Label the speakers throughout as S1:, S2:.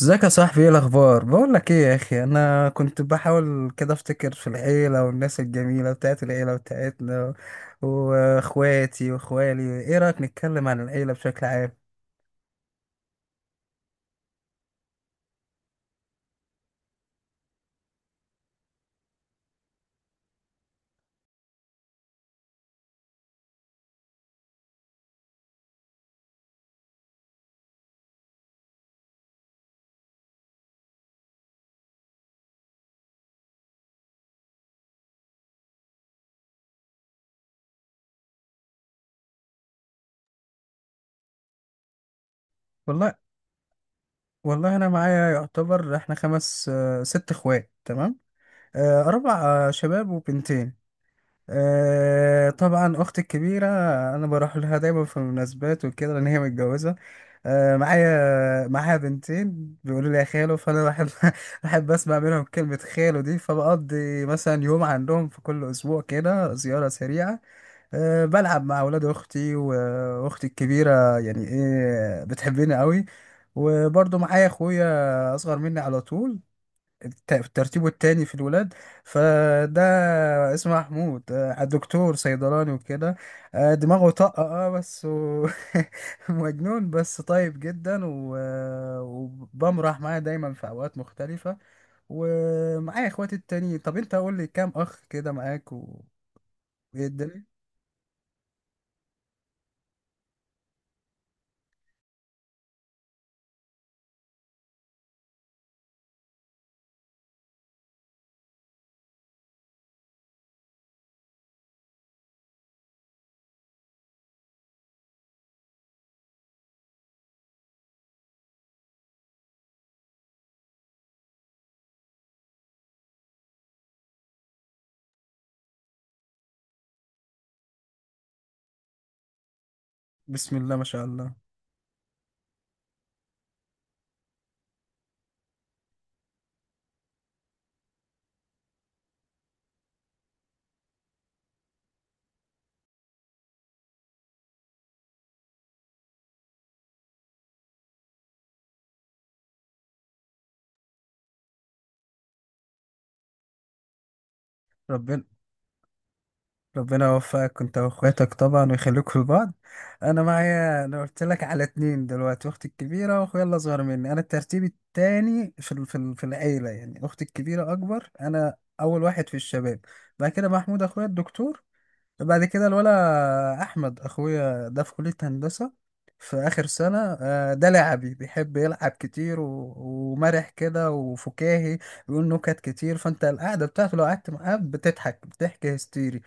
S1: ازيك يا صاحبي؟ ايه الاخبار؟ بقول لك ايه يا اخي، انا كنت بحاول كده افتكر في العيله والناس الجميله بتاعت العيله بتاعتنا واخواتي واخوالي. ايه رايك نتكلم عن العيله بشكل عام؟ والله والله، انا معايا يعتبر احنا خمس، ست اخوات. تمام. اربع. شباب وبنتين. طبعا اختي الكبيره، انا بروح لها دايما في المناسبات وكده لان هي متجوزه. معايا بنتين بيقولوا لي يا خالو، فانا بحب. بحب اسمع منهم كلمه خالو دي، فبقضي مثلا يوم عندهم في كل اسبوع كده، زياره سريعه. بلعب مع اولاد اختي، واختي الكبيره يعني ايه، بتحبني قوي. وبرضه معايا اخويا، اصغر مني على طول، الترتيب التاني في الولاد. فده اسمه محمود، دكتور صيدلاني وكده. دماغه طاقة، بس مجنون، بس طيب جدا. وبمرح معاه دايما في أوقات مختلفة. ومعايا اخواتي التانيين. طب انت قول لي كام اخ كده معاك، و- وايه الدنيا؟ بسم الله ما شاء الله. ربنا ربنا يوفقك انت واخواتك طبعا، ويخليكوا لبعض. انا معايا، انا قلت لك على اتنين دلوقتي: اختي الكبيره واخويا اللي اصغر مني، انا الترتيب التاني في العيله يعني. اختي الكبيره اكبر، انا اول واحد في الشباب. بعد كده محمود اخويا الدكتور. بعد كده الولا احمد اخويا، ده في كلية هندسة، في اخر سنة. ده لعبي، بيحب يلعب كتير، و- ومرح كده وفكاهي. بيقول نكت كتير. فانت القعدة بتاعته لو قعدت معاه بتضحك، بتحكي هستيري.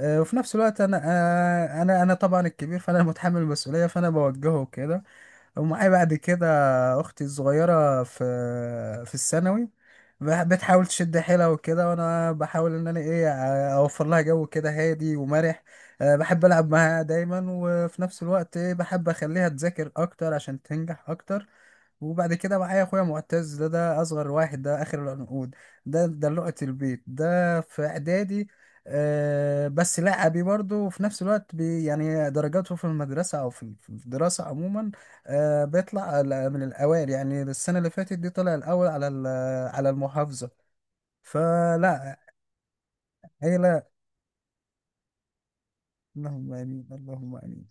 S1: وفي نفس الوقت انا آه، انا انا طبعا الكبير، فانا متحمل المسؤولية، فانا بوجهه كده. ومعايا بعد كده اختي الصغيره، في الثانوي. بتحاول تشد حيلها وكده، وانا بحاول ان انا ايه، اوفر لها جو كده هادي ومرح. بحب العب معاها دايما، وفي نفس الوقت ايه، بحب اخليها تذاكر اكتر عشان تنجح اكتر. وبعد كده معايا اخويا معتز، ده اصغر واحد، ده اخر العنقود. ده لقطة البيت، ده في اعدادي. بس لعبي برضه، وفي نفس الوقت يعني درجاته في المدرسة او في الدراسة عموما، بيطلع من الاوائل يعني. السنة اللي فاتت دي طلع الاول على على المحافظة. فلا. عيلة. اللهم امين، اللهم امين.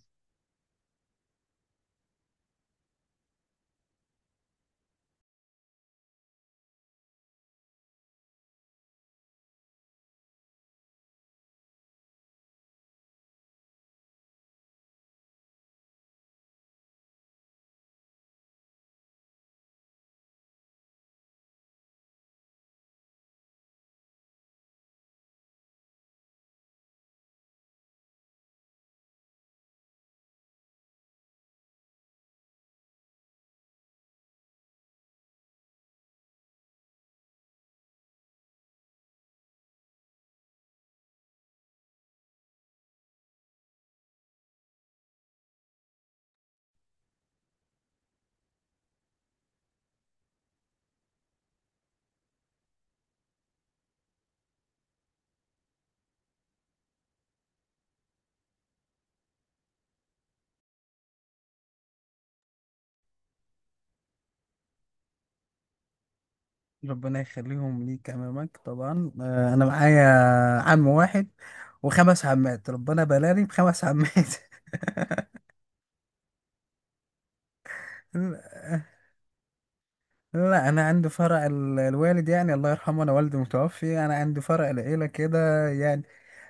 S1: ربنا يخليهم ليك، امامك طبعا. انا معايا عم واحد وخمس عمات. ربنا بلاني بـ5 عمات. لا. لا، انا عندي فرع الوالد يعني، الله يرحمه، انا والدي متوفي. انا عندي فرع العيله كده يعني،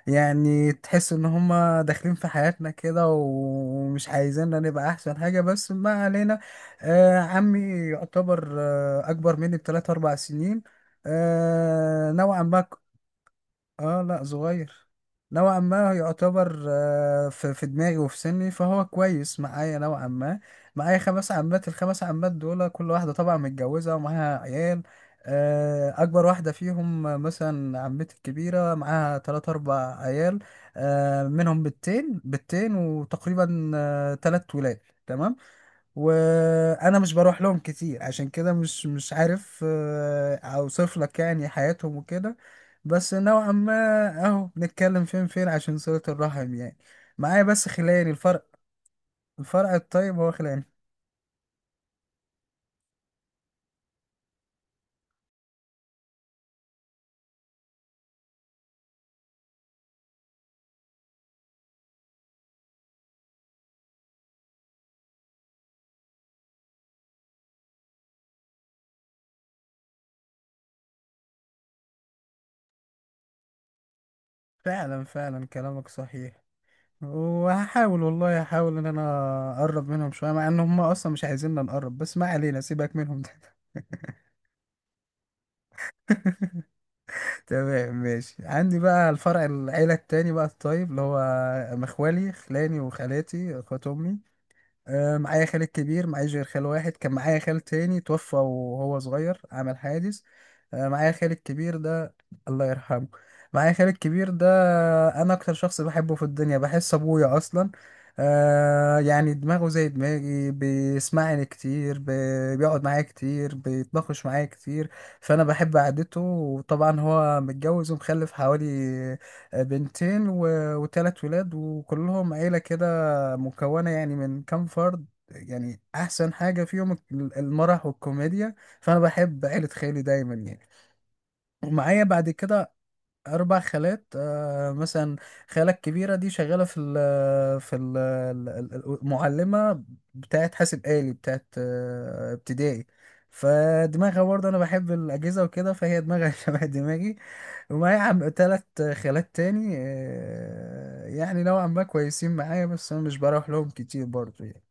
S1: يعني تحس ان هما داخلين في حياتنا كده ومش عايزيننا نبقى احسن حاجه. بس ما علينا. عمي يعتبر اكبر مني بثلاث اربع سنين، نوعا ما. اه لا صغير، نوعا ما يعتبر، في دماغي وفي سني، فهو كويس معايا نوعا ما. معايا 5 عمات. الخمس عمات دول كل واحدة طبعا متجوزة ومعاها عيال. أكبر واحدة فيهم، مثلا عمتي الكبيرة معاها تلات أربع عيال. منهم بنتين وتقريبا 3 ولاد. تمام. وانا مش بروح لهم كتير، عشان كده مش عارف اوصف لك يعني حياتهم وكده. بس نوعا ما اهو بنتكلم فين فين عشان صلة الرحم يعني. معايا بس خلاني الفرق الطيب هو خلاني. فعلا، فعلا، كلامك صحيح. وهحاول، والله هحاول ان انا اقرب منهم شويه، مع ان هم اصلا مش عايزيننا نقرب. بس ما علينا، سيبك منهم ده. تمام ماشي. عندي بقى الفرع العيله التاني بقى الطيب، اللي هو مخوالي، خلاني وخالاتي اخوات امي. معايا خال كبير، معايش غير خال واحد. كان معايا خال تاني توفى وهو صغير، عمل حادث. معايا خال الكبير ده، الله يرحمه. معايا خال الكبير ده، انا اكتر شخص بحبه في الدنيا، بحس ابويا اصلا. يعني دماغه زي دماغي، بيسمعني كتير، بيقعد معايا كتير، بيتناقش معايا كتير. فانا بحب قعدته. وطبعا هو متجوز ومخلف حوالي بنتين و- و3 ولاد، وكلهم عيلة كده، مكونة يعني من كام فرد يعني. أحسن حاجة فيهم المرح والكوميديا. فأنا بحب عيلة خالي دايما يعني. ومعايا بعد كده 4 خالات. مثلا خالة الكبيرة دي شغالة في ال المعلمة، بتاعت حاسب آلي، بتاعت ابتدائي. فدماغها برضه، أنا بحب الأجهزة وكده، فهي دماغها شبه دماغي. ومعايا 3 خالات تاني، يعني نوعا ما كويسين معايا، بس أنا مش بروح لهم كتير برضه يعني.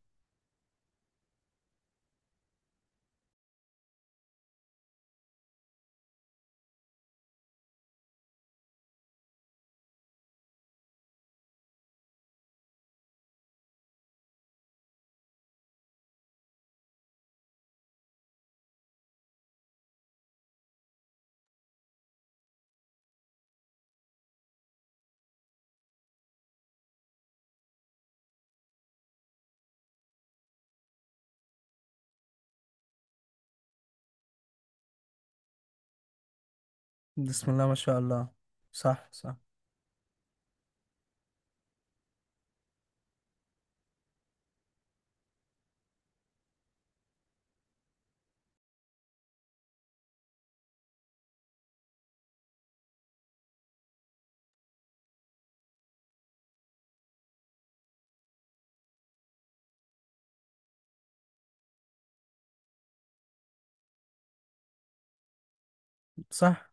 S1: بسم الله ما شاء الله. صح، صح، صح.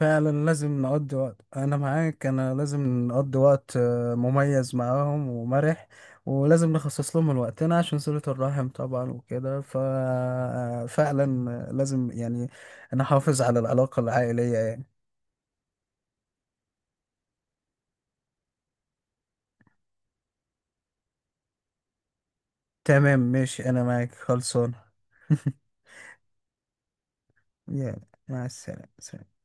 S1: فعلا لازم نقضي وقت، انا معاك، انا لازم نقضي وقت مميز معاهم ومرح. ولازم نخصص لهم من وقتنا عشان صلة الرحم طبعا وكده. ففعلا لازم يعني نحافظ على العلاقة العائلية يعني. تمام ماشي، انا معاك، خلصان. يلا، مع السلامة.